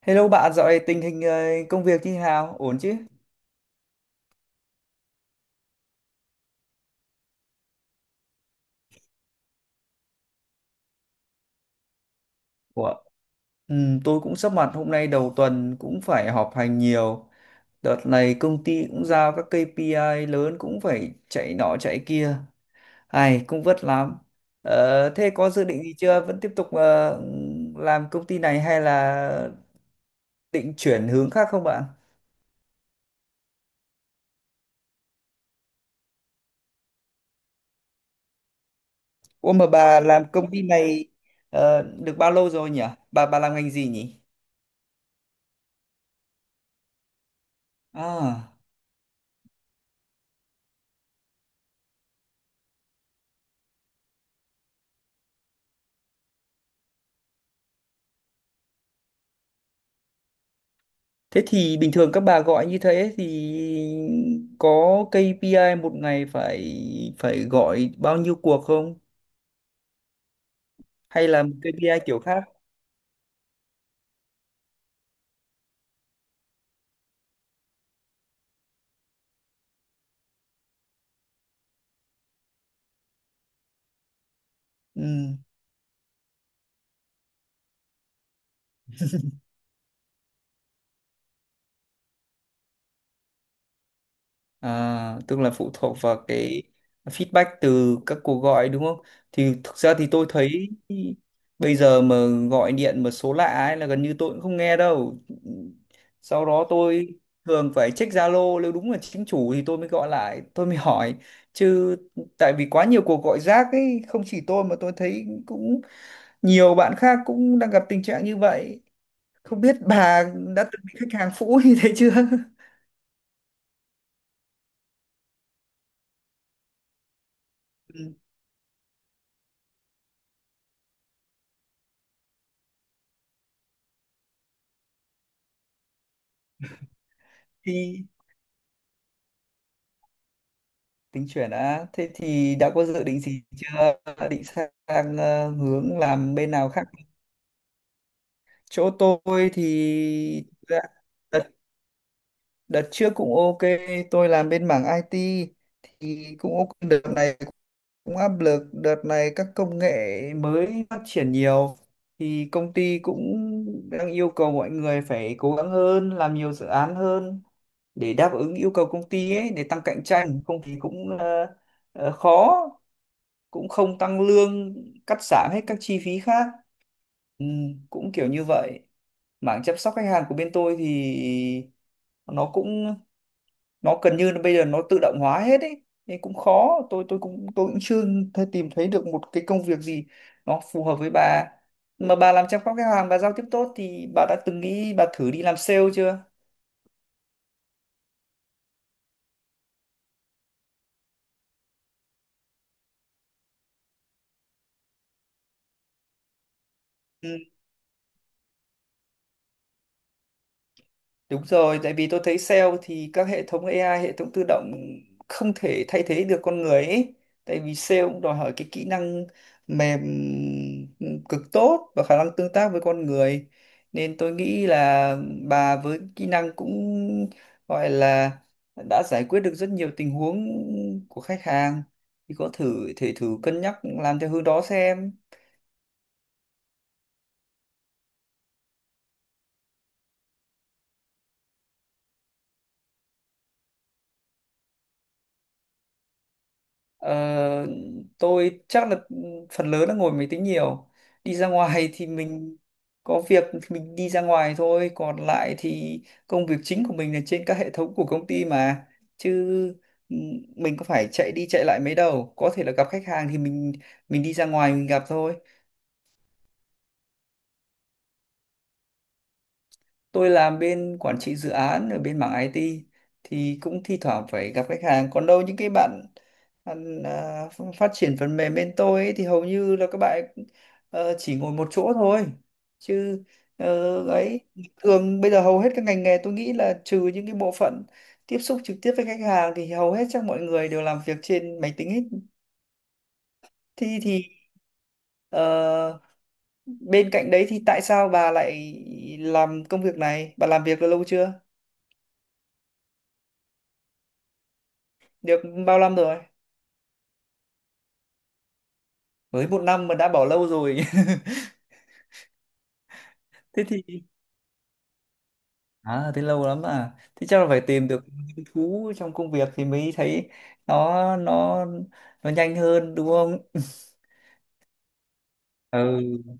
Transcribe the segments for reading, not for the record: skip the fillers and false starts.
Hello bạn, dạo này tình hình công việc như thế nào? Ổn chứ? Ủa? Ừ, tôi cũng sắp mặt hôm nay đầu tuần cũng phải họp hành nhiều. Đợt này công ty cũng giao các KPI lớn cũng phải chạy nọ chạy kia. Ai cũng vất lắm. Thế có dự định gì chưa? Vẫn tiếp tục làm công ty này hay là định chuyển hướng khác không bạn? Ủa mà bà làm công ty này được bao lâu rồi nhỉ? Bà làm ngành gì nhỉ? À. Thế thì bình thường các bà gọi như thế thì có KPI một ngày phải phải gọi bao nhiêu cuộc không? Hay là KPI kiểu khác? Ừ. À, tức là phụ thuộc vào cái feedback từ các cuộc gọi đúng không? Thì thực ra thì tôi thấy bây giờ mà gọi điện mà số lạ ấy là gần như tôi cũng không nghe đâu. Sau đó tôi thường phải check Zalo nếu đúng là chính chủ thì tôi mới gọi lại, tôi mới hỏi. Chứ tại vì quá nhiều cuộc gọi rác ấy, không chỉ tôi mà tôi thấy cũng nhiều bạn khác cũng đang gặp tình trạng như vậy. Không biết bà đã từng bị khách hàng phũ như thế chưa? Ừ, thì tính chuyển á thế thì đã có dự định gì chưa? Đã định sang hướng làm bên nào khác? Chỗ tôi thì đợt, đợt trước cũng ok. Tôi làm bên mảng IT thì cũng ok. Đợt này cũng áp lực, đợt này các công nghệ mới phát triển nhiều thì công ty cũng đang yêu cầu mọi người phải cố gắng hơn, làm nhiều dự án hơn để đáp ứng yêu cầu công ty ấy, để tăng cạnh tranh, không thì cũng khó, cũng không tăng lương, cắt giảm hết các chi phí khác, ừ, cũng kiểu như vậy. Mảng chăm sóc khách hàng của bên tôi thì nó cũng nó gần như là bây giờ nó tự động hóa hết ấy nên cũng khó. Tôi cũng, tôi cũng chưa thấy, tìm thấy được một cái công việc gì nó phù hợp với bà. Mà bà làm chăm sóc khách hàng, bà giao tiếp tốt thì bà đã từng nghĩ bà thử đi làm sale chưa? Ừ. Đúng rồi, tại vì tôi thấy sale thì các hệ thống AI, hệ thống tự động không thể thay thế được con người ấy. Tại vì sale cũng đòi hỏi cái kỹ năng mềm cực tốt và khả năng tương tác với con người. Nên tôi nghĩ là bà với kỹ năng cũng gọi là đã giải quyết được rất nhiều tình huống của khách hàng. Thì có thử thể thử cân nhắc làm theo hướng đó xem. Ờ, tôi chắc là phần lớn là ngồi máy tính nhiều. Đi ra ngoài thì mình có việc thì mình đi ra ngoài thôi, còn lại thì công việc chính của mình là trên các hệ thống của công ty mà. Chứ ừ, mình có phải chạy đi chạy lại mấy đâu. Có thể là gặp khách hàng thì mình đi ra ngoài mình gặp thôi. Tôi làm bên quản trị dự án ở bên mảng IT thì cũng thi thoảng phải gặp khách hàng, còn đâu những cái bạn bạn, à, ph- phát triển phần mềm bên tôi ấy, thì hầu như là các bạn ấy, chỉ ngồi một chỗ thôi, chứ ấy thường bây giờ hầu hết các ngành nghề tôi nghĩ là trừ những cái bộ phận tiếp xúc trực tiếp với khách hàng thì hầu hết chắc mọi người đều làm việc trên máy tính hết. thì thì ờ, Bên cạnh đấy thì tại sao bà lại làm công việc này, bà làm việc được lâu chưa, được bao năm rồi? Mới một năm mà đã bỏ lâu rồi? Thế thì, à thế lâu lắm à, thế chắc là phải tìm được hứng thú trong công việc thì mới thấy nó nó nó nhanh hơn đúng không? Ừ,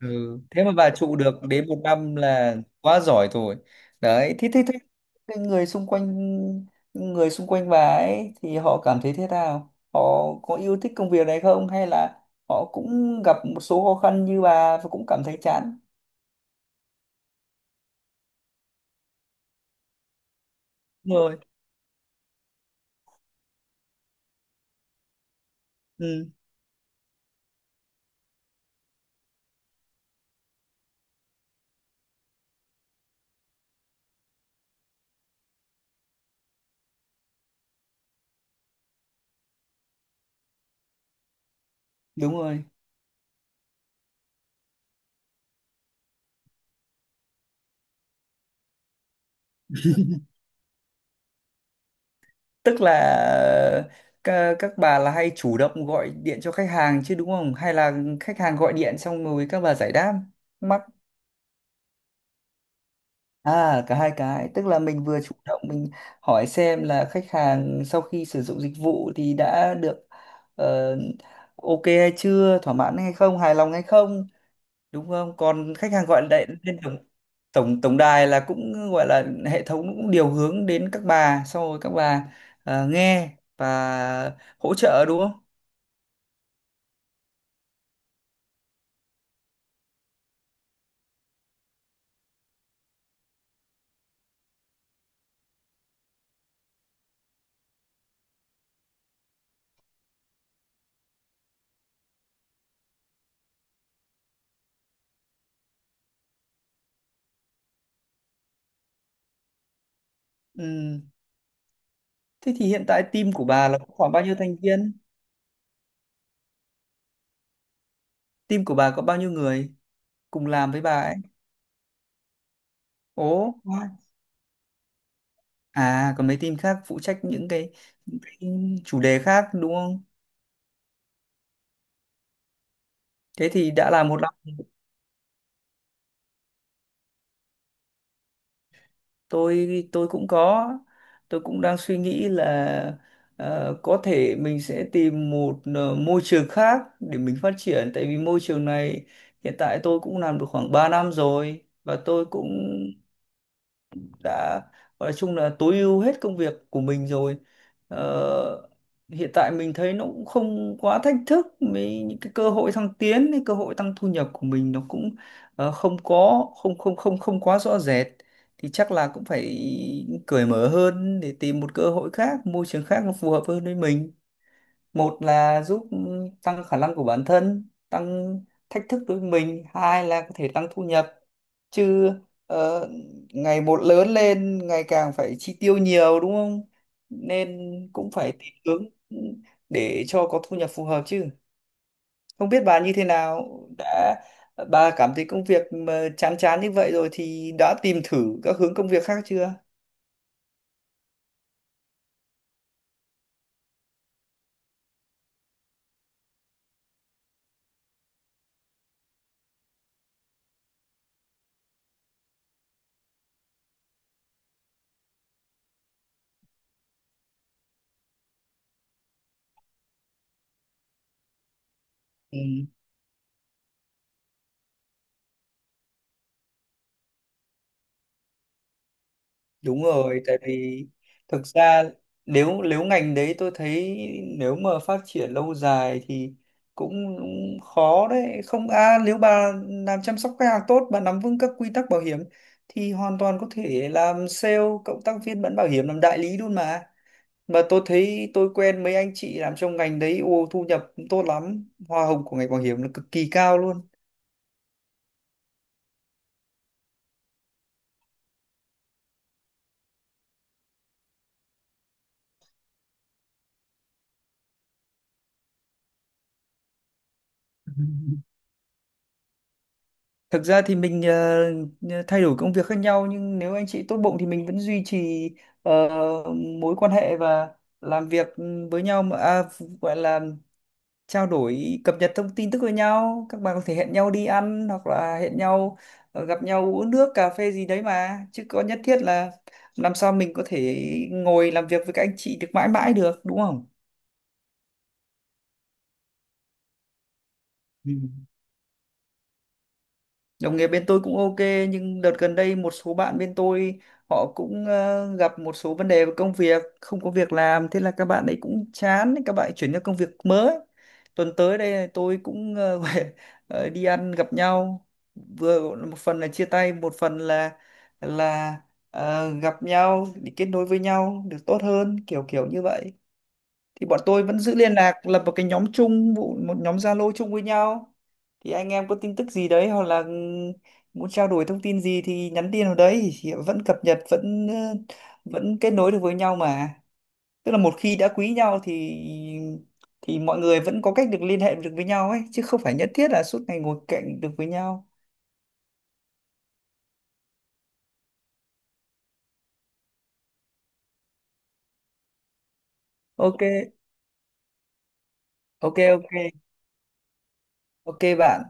ừ. Thế mà bà trụ được đến 1 năm là quá giỏi rồi đấy. Thế thế thế cái người xung quanh, người xung quanh bà ấy thì họ cảm thấy thế nào, họ có yêu thích công việc này không hay là họ cũng gặp một số khó khăn như bà và cũng cảm thấy chán? Đúng rồi. Ừ, đúng rồi, tức là các bà là hay chủ động gọi điện cho khách hàng chứ đúng không hay là khách hàng gọi điện xong rồi các bà giải đáp mắc? À cả hai cái, tức là mình vừa chủ động mình hỏi xem là khách hàng sau khi sử dụng dịch vụ thì đã được ờ, ok hay chưa, thỏa mãn hay không, hài lòng hay không, đúng không? Còn khách hàng gọi lại lên tổng tổng tổng đài là cũng gọi là hệ thống cũng điều hướng đến các bà xong rồi các bà nghe và hỗ trợ đúng không? Ừ. Thế thì hiện tại team của bà là có khoảng bao nhiêu thành viên? Team của bà có bao nhiêu người cùng làm với bà ấy? Ồ, wow. À còn mấy team khác phụ trách những cái chủ đề khác đúng không? Thế thì đã là một, tôi cũng có, tôi cũng đang suy nghĩ là có thể mình sẽ tìm một môi trường khác để mình phát triển, tại vì môi trường này hiện tại tôi cũng làm được khoảng 3 năm rồi và tôi cũng đã, nói chung là tối ưu hết công việc của mình rồi. Ờ, hiện tại mình thấy nó cũng không quá thách thức mấy, những cái cơ hội thăng tiến, cái cơ hội tăng thu nhập của mình nó cũng không có, không không không không quá rõ rệt, thì chắc là cũng phải cởi mở hơn để tìm một cơ hội khác, môi trường khác nó phù hợp hơn với mình. Một là giúp tăng khả năng của bản thân, tăng thách thức đối với mình, hai là có thể tăng thu nhập. Chứ ờ, ngày một lớn lên ngày càng phải chi tiêu nhiều đúng không, nên cũng phải tìm hướng để cho có thu nhập phù hợp. Chứ không biết bà như thế nào, đã, bà cảm thấy công việc mà chán chán như vậy rồi thì đã tìm thử các hướng công việc khác chưa? Ừ. Đúng rồi, tại vì thực ra nếu nếu ngành đấy tôi thấy nếu mà phát triển lâu dài thì cũng khó đấy. Không à, nếu bà làm chăm sóc khách hàng tốt, bà nắm vững các quy tắc bảo hiểm thì hoàn toàn có thể làm sale, cộng tác viên bán bảo hiểm, làm đại lý luôn mà. Mà tôi thấy tôi quen mấy anh chị làm trong ngành đấy, ô thu nhập tốt lắm, hoa hồng của ngành bảo hiểm là cực kỳ cao luôn. Thực ra thì mình thay đổi công việc khác nhau nhưng nếu anh chị tốt bụng thì mình vẫn duy trì ờ, mối quan hệ và làm việc ừ, với nhau mà, à, gọi là trao đổi cập nhật thông tin tức với nhau. Các bạn có thể hẹn nhau đi ăn hoặc là hẹn nhau gặp nhau uống nước cà phê gì đấy mà, chứ có nhất thiết là làm sao mình có thể ngồi làm việc với các anh chị được mãi mãi được đúng không? Ừ. Đồng nghiệp bên tôi cũng ok, nhưng đợt gần đây một số bạn bên tôi họ cũng gặp một số vấn đề về công việc, không có việc làm, thế là các bạn ấy cũng chán, các bạn ấy chuyển sang công việc mới. Tuần tới đây tôi cũng về đi ăn gặp nhau. Vừa một phần là chia tay, một phần là gặp nhau để kết nối với nhau được tốt hơn, kiểu kiểu như vậy. Thì bọn tôi vẫn giữ liên lạc, lập một cái nhóm chung, một nhóm Zalo chung với nhau, thì anh em có tin tức gì đấy hoặc là muốn trao đổi thông tin gì thì nhắn tin vào đấy thì vẫn cập nhật, vẫn vẫn kết nối được với nhau mà. Tức là một khi đã quý nhau thì mọi người vẫn có cách được liên hệ được với nhau ấy, chứ không phải nhất thiết là suốt ngày ngồi cạnh được với nhau. Ok, ok, ok, ok bạn.